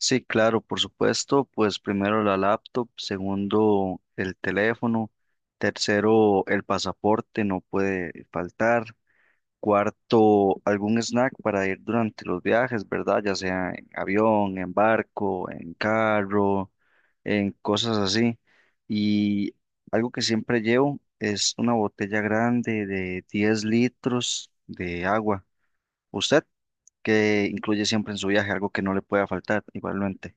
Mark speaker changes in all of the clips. Speaker 1: Sí, claro, por supuesto, pues primero la laptop, segundo el teléfono, tercero el pasaporte, no puede faltar, cuarto algún snack para ir durante los viajes, ¿verdad? Ya sea en avión, en barco, en carro, en cosas así. Y algo que siempre llevo es una botella grande de 10 litros de agua. ¿Usted que incluye siempre en su viaje, algo que no le pueda faltar, igualmente?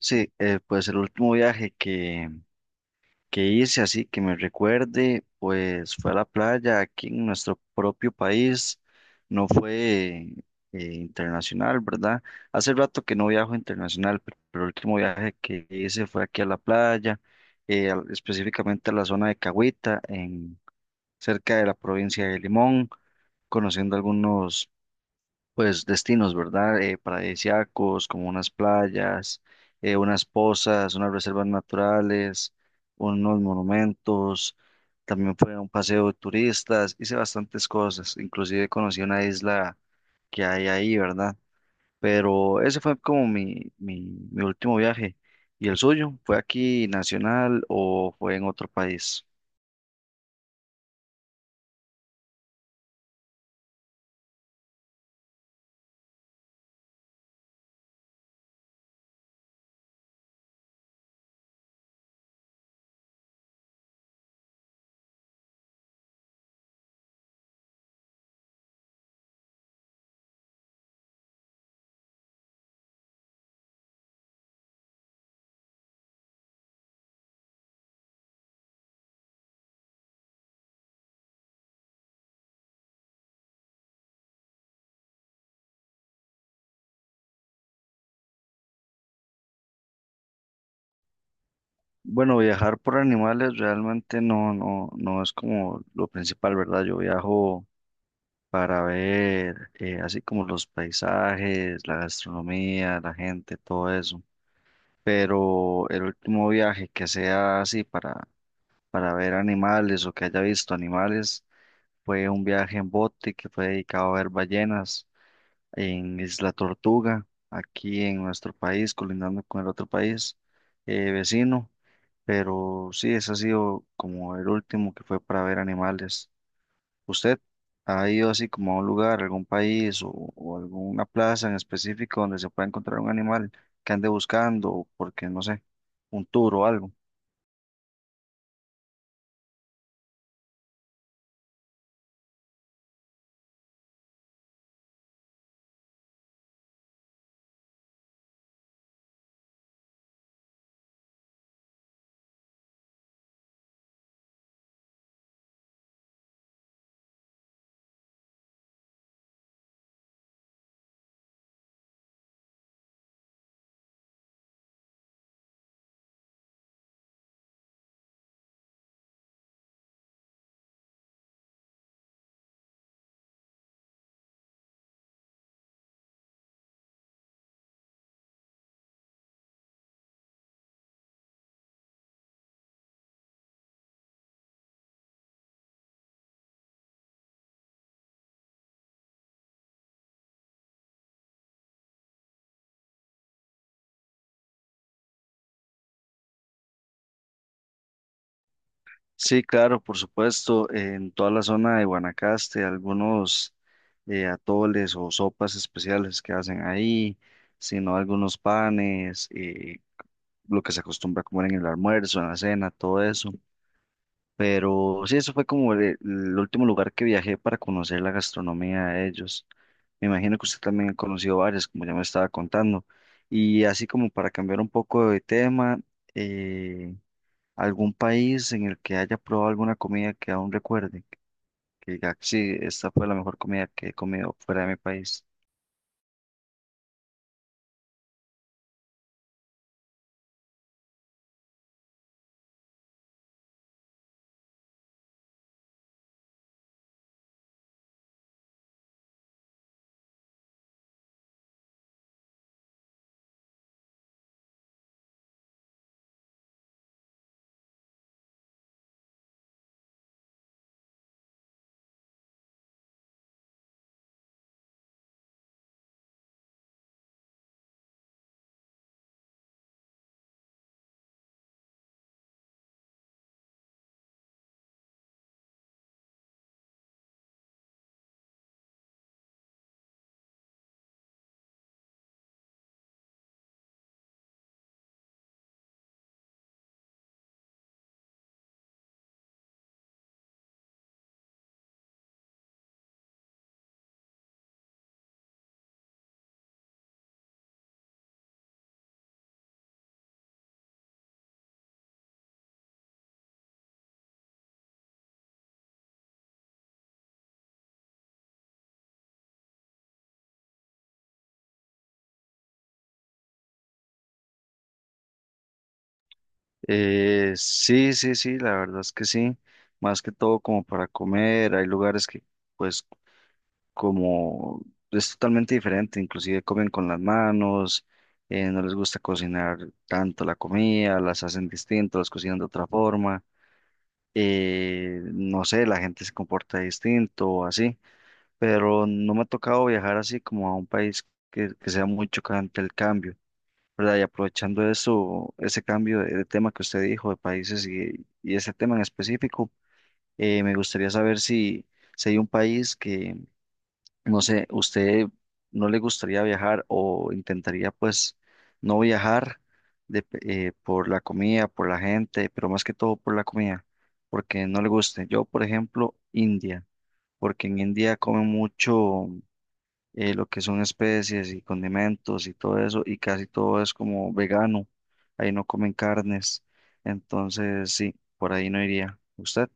Speaker 1: Sí, pues el último viaje que hice, así que me recuerde, pues fue a la playa aquí en nuestro propio país, no fue internacional, ¿verdad? Hace rato que no viajo internacional, pero el último viaje que hice fue aquí a la playa, específicamente a la zona de Cahuita, en, cerca de la provincia de Limón, conociendo algunos pues destinos, ¿verdad? Paradisíacos, como unas playas, unas pozas, unas reservas naturales, unos monumentos. También fue un paseo de turistas, hice bastantes cosas, inclusive conocí una isla que hay ahí, ¿verdad? Pero ese fue como mi último viaje. ¿Y el suyo? ¿Fue aquí nacional o fue en otro país? Bueno, viajar por animales realmente no es como lo principal, ¿verdad? Yo viajo para ver, así como los paisajes, la gastronomía, la gente, todo eso. Pero el último viaje que sea así para ver animales o que haya visto animales fue un viaje en bote que fue dedicado a ver ballenas en Isla Tortuga, aquí en nuestro país, colindando con el otro país vecino. Pero sí, ese ha sido como el último que fue para ver animales. ¿Usted ha ido así como a un lugar, algún país o alguna plaza en específico donde se pueda encontrar un animal que ande buscando, o porque no sé, un tour o algo? Sí, claro, por supuesto, en toda la zona de Guanacaste, algunos atoles o sopas especiales que hacen ahí, sino algunos panes, lo que se acostumbra a comer en el almuerzo, en la cena, todo eso. Pero sí, eso fue como el último lugar que viajé para conocer la gastronomía de ellos. Me imagino que usted también ha conocido varias, como ya me estaba contando. Y así como para cambiar un poco de tema, eh, ¿algún país en el que haya probado alguna comida que aún recuerde? Que diga, sí, esta fue la mejor comida que he comido fuera de mi país. Sí, sí, sí, la verdad es que sí. Más que todo como para comer, hay lugares que pues como es totalmente diferente, inclusive comen con las manos, no les gusta cocinar tanto la comida, las hacen distinto, las cocinan de otra forma, no sé, la gente se comporta distinto o así, pero no me ha tocado viajar así como a un país que sea muy chocante el cambio. ¿Verdad? Y aprovechando eso, ese cambio de tema que usted dijo, de países y ese tema en específico, me gustaría saber si, si hay un país que, no sé, ¿usted no le gustaría viajar o intentaría pues no viajar por la comida, por la gente, pero más que todo por la comida, porque no le guste? Yo, por ejemplo, India, porque en India comen mucho lo que son especies y condimentos y todo eso, y casi todo es como vegano, ahí no comen carnes, entonces sí, por ahí no iría. ¿Usted?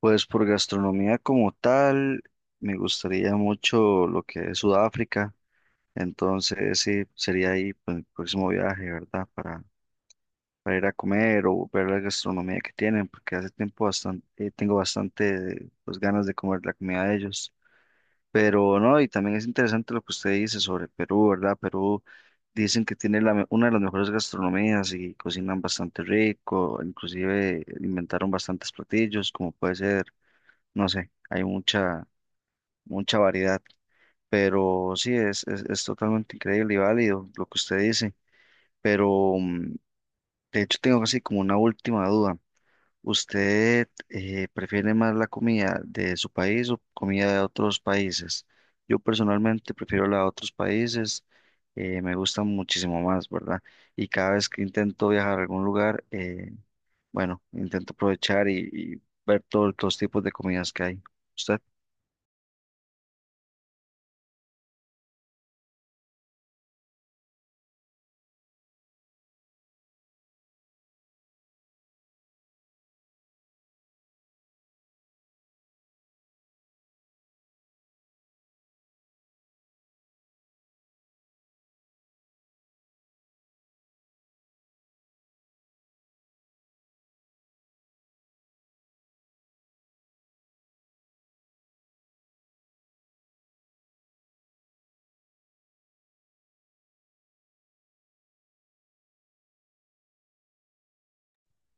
Speaker 1: Pues por gastronomía como tal, me gustaría mucho lo que es Sudáfrica, entonces sí, sería ahí pues, el próximo viaje, ¿verdad? Para ir a comer o ver la gastronomía que tienen, porque hace tiempo bastante, tengo bastante pues, ganas de comer la comida de ellos. Pero no, y también es interesante lo que usted dice sobre Perú, ¿verdad? Perú dicen que tiene la, una de las mejores gastronomías y cocinan bastante rico, inclusive inventaron bastantes platillos, como puede ser no sé, hay mucha, mucha variedad, pero sí, es totalmente increíble y válido lo que usted dice, pero de hecho tengo así como una última duda. ¿Usted prefiere más la comida de su país o comida de otros países? Yo personalmente prefiero la de otros países, me gusta muchísimo más, ¿verdad? Y cada vez que intento viajar a algún lugar, bueno, intento aprovechar y ver todos los tipos de comidas que hay. ¿Usted?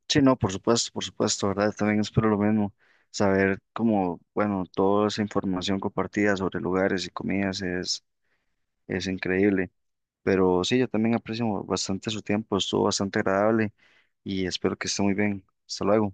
Speaker 1: Sí, no, por supuesto, ¿verdad? También espero lo mismo, saber cómo, bueno, toda esa información compartida sobre lugares y comidas es increíble, pero sí, yo también aprecio bastante su tiempo, estuvo bastante agradable y espero que esté muy bien. Hasta luego.